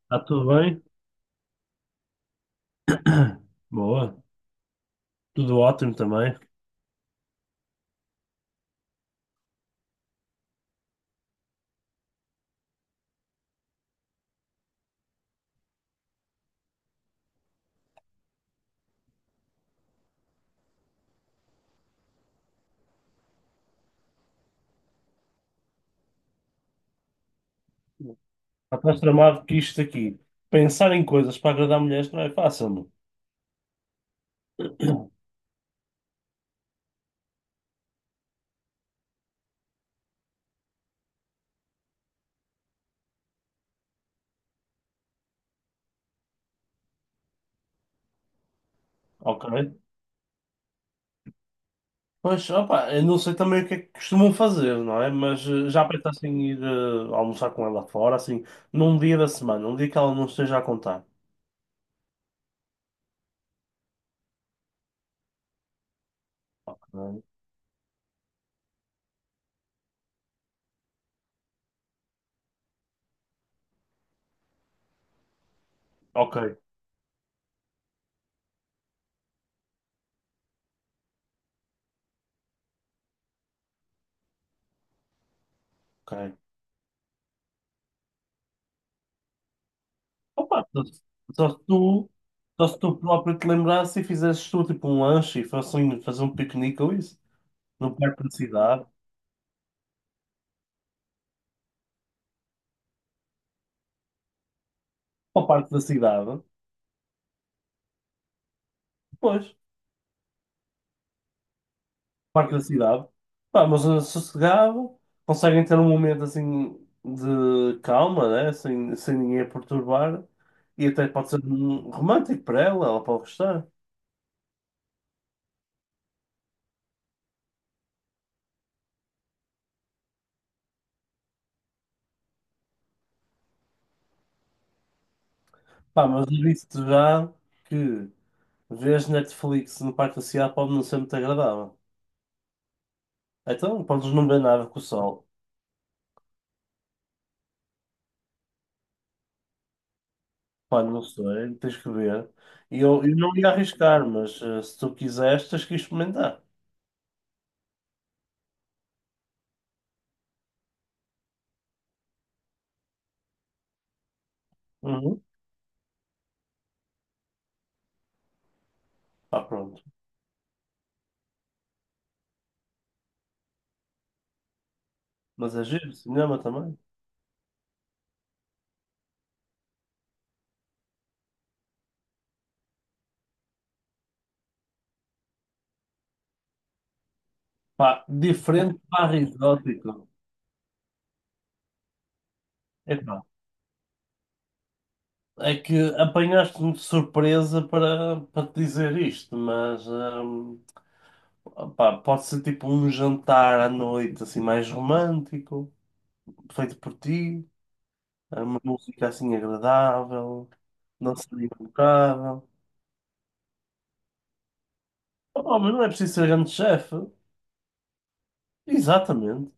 Está tudo bem? Boa. Tudo ótimo também. Já estás tramado que isto aqui. Pensar em coisas para agradar mulheres não é fácil, não? Ok? Pois, opa, eu não sei também o que é que costumam fazer, não é? Mas já pensaste em ir almoçar com ela fora, assim, num dia da semana, um dia que ela não esteja a contar. Ok, ok. Ok. Opa, só se tu, só se tu próprio te lembrasse e fizesses tu tipo um lanche e fossem fazer um piquenique ou isso, no parque da cidade, ao parque da cidade. Pois, parque da cidade. Pá, uma zona sossegada, conseguem ter um momento assim de calma, né? Sem ninguém a perturbar. E até pode ser romântico para ela, pode gostar. Pá, mas eu disse-te já que ver Netflix no parque da cidade pode não ser muito agradável. Então, podes não ver nada com o sol. Pá, não sei, tens que ver. E eu não ia arriscar, mas se tu quiseres, tens que experimentar. Uhum. Pá, pronto. Mas é giro, cinema também. Pá, diferente barra exótico. Epá, é que apanhaste-me de surpresa para te dizer isto, mas pá, pode ser tipo um jantar à noite assim mais romântico, feito por ti, uma música assim agradável, não seria impecável. Oh, mas não é preciso ser grande chefe. Exatamente.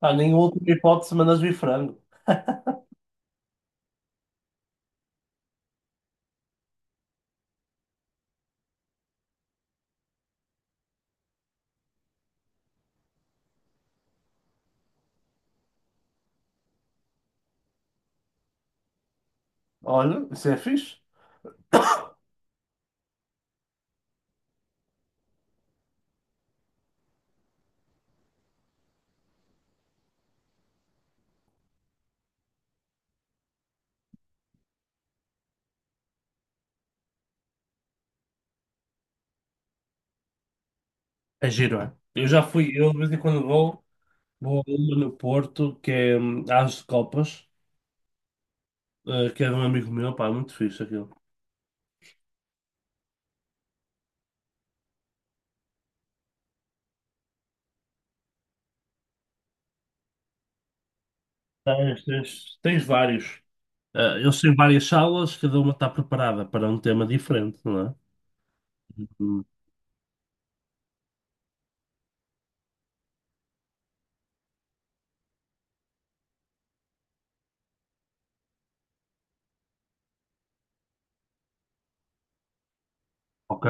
Pá, nem última hipótese mandas vir frango. Olha, isso é fixe. É giro, é? Eu já fui, eu de vez em quando vou. Vou a uma no Porto, que é As de Copas, que é de um amigo meu, pá, muito fixe aquilo. Tens vários. Eles têm várias salas, cada uma está preparada para um tema diferente, não é? Hum, Ok,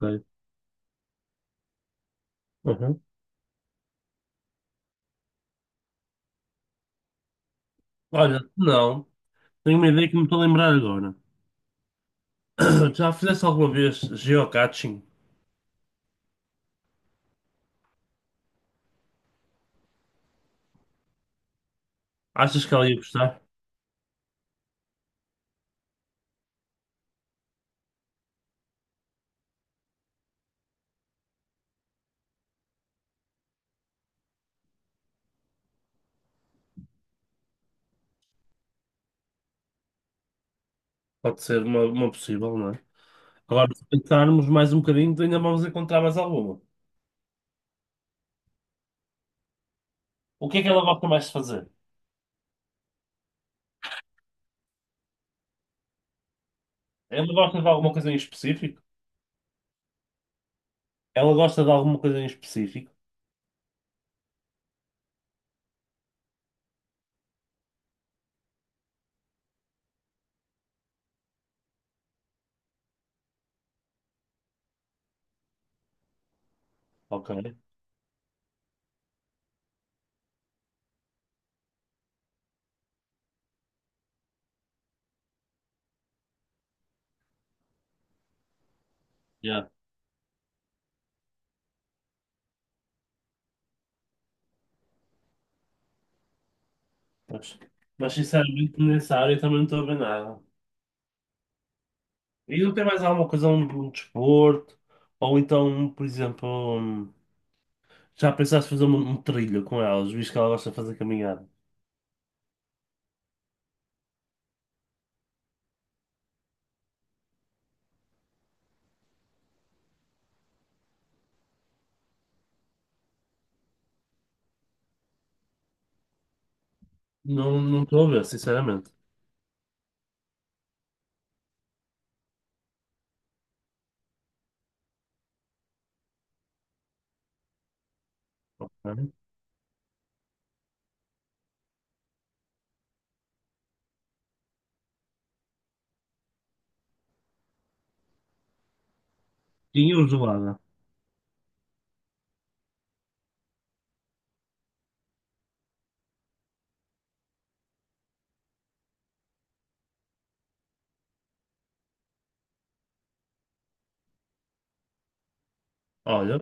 ok. Uhum. Olha, não, tenho uma ideia que me estou a lembrar agora. Já fizeste alguma vez geocaching? Achas que ela ia gostar? Pode ser uma, possível, não é? Agora, se pensarmos mais um bocadinho, ainda vamos encontrar mais alguma. O que é que ela gosta mais de fazer? Ela gosta de alguma coisa em específico? Ela gosta de alguma coisa em específico, ok? Já, Mas, mas, sinceramente, nessa área eu também não estou a ver nada. E não tem mais alguma coisa, um, desporto? Ou então, por exemplo, um, já pensaste fazer um trilho com elas, visto que ela gosta de fazer caminhada? Não, não estou a ver, sinceramente. Ok. Tinha o gelada. Olha,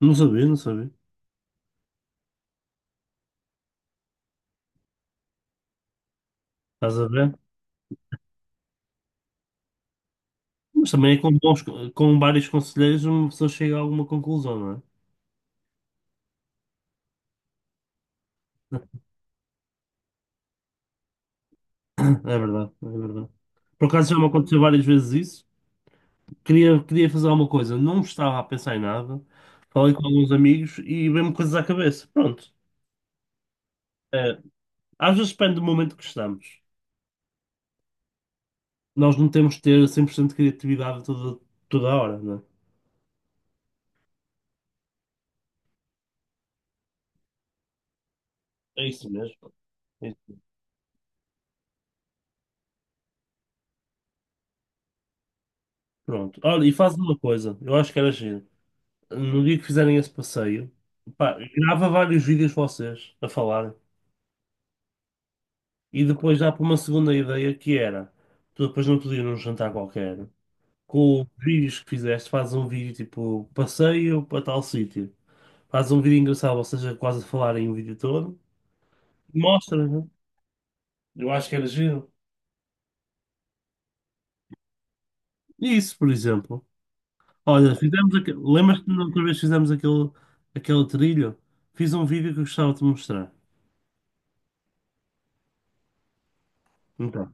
não sabia, não sabia. Estás a ver? Mas também é com vários conselheiros uma pessoa chega a alguma conclusão, não é? É verdade, é verdade. Por acaso já me aconteceu várias vezes isso. Queria fazer alguma coisa, não estava a pensar em nada. Falei com alguns amigos e veio-me coisas à cabeça. Pronto. É, às vezes depende do momento que estamos. Nós não temos de ter 100% de criatividade toda, toda a hora, não é? É isso mesmo. É isso mesmo. Pronto. Olha, e faz uma coisa, eu acho que era giro. No dia que fizerem esse passeio, pá, grava vários vídeos vocês a falar e depois dá para uma segunda ideia que era. Tu depois não podias num jantar qualquer. Com os vídeos que fizeste, fazes um vídeo tipo passeio para tal sítio, fazes um vídeo engraçado, ou seja, quase a falar em um vídeo todo, mostra, né? Eu acho que era giro. Isso, por exemplo. Olha, fizemos aquele. Lembras-te da outra vez que fizemos aquele, trilho? Fiz um vídeo que eu gostava de te mostrar. Então.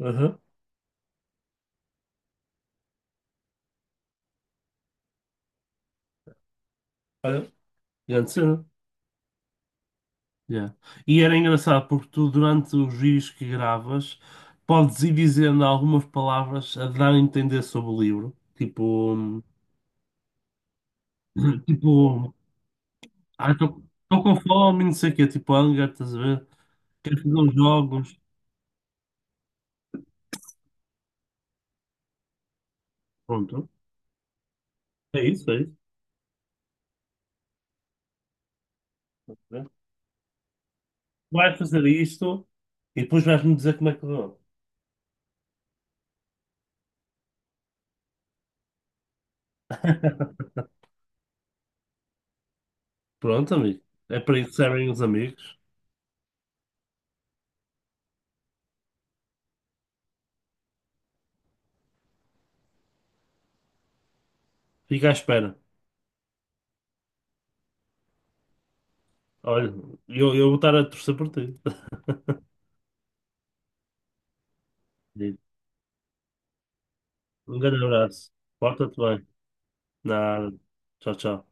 Aham. Olha, grande cena. Yeah. E era engraçado porque tu, durante os vídeos que gravas, podes ir dizendo algumas palavras a dar a entender sobre o livro. Tipo, tipo, Ah, estou com fome, não sei o quê, tipo hunger, estás a ver? Quero fazer uns jogos. Pronto. É isso, é isso. Né? Vais fazer isto e depois vais-me dizer como é que correu. Pronto, amigo. É para isso que servem os amigos. Fica à espera. Olha, eu vou estar a torcer por ti. Um grande abraço. Porta-te bem. Nada. Tchau, tchau.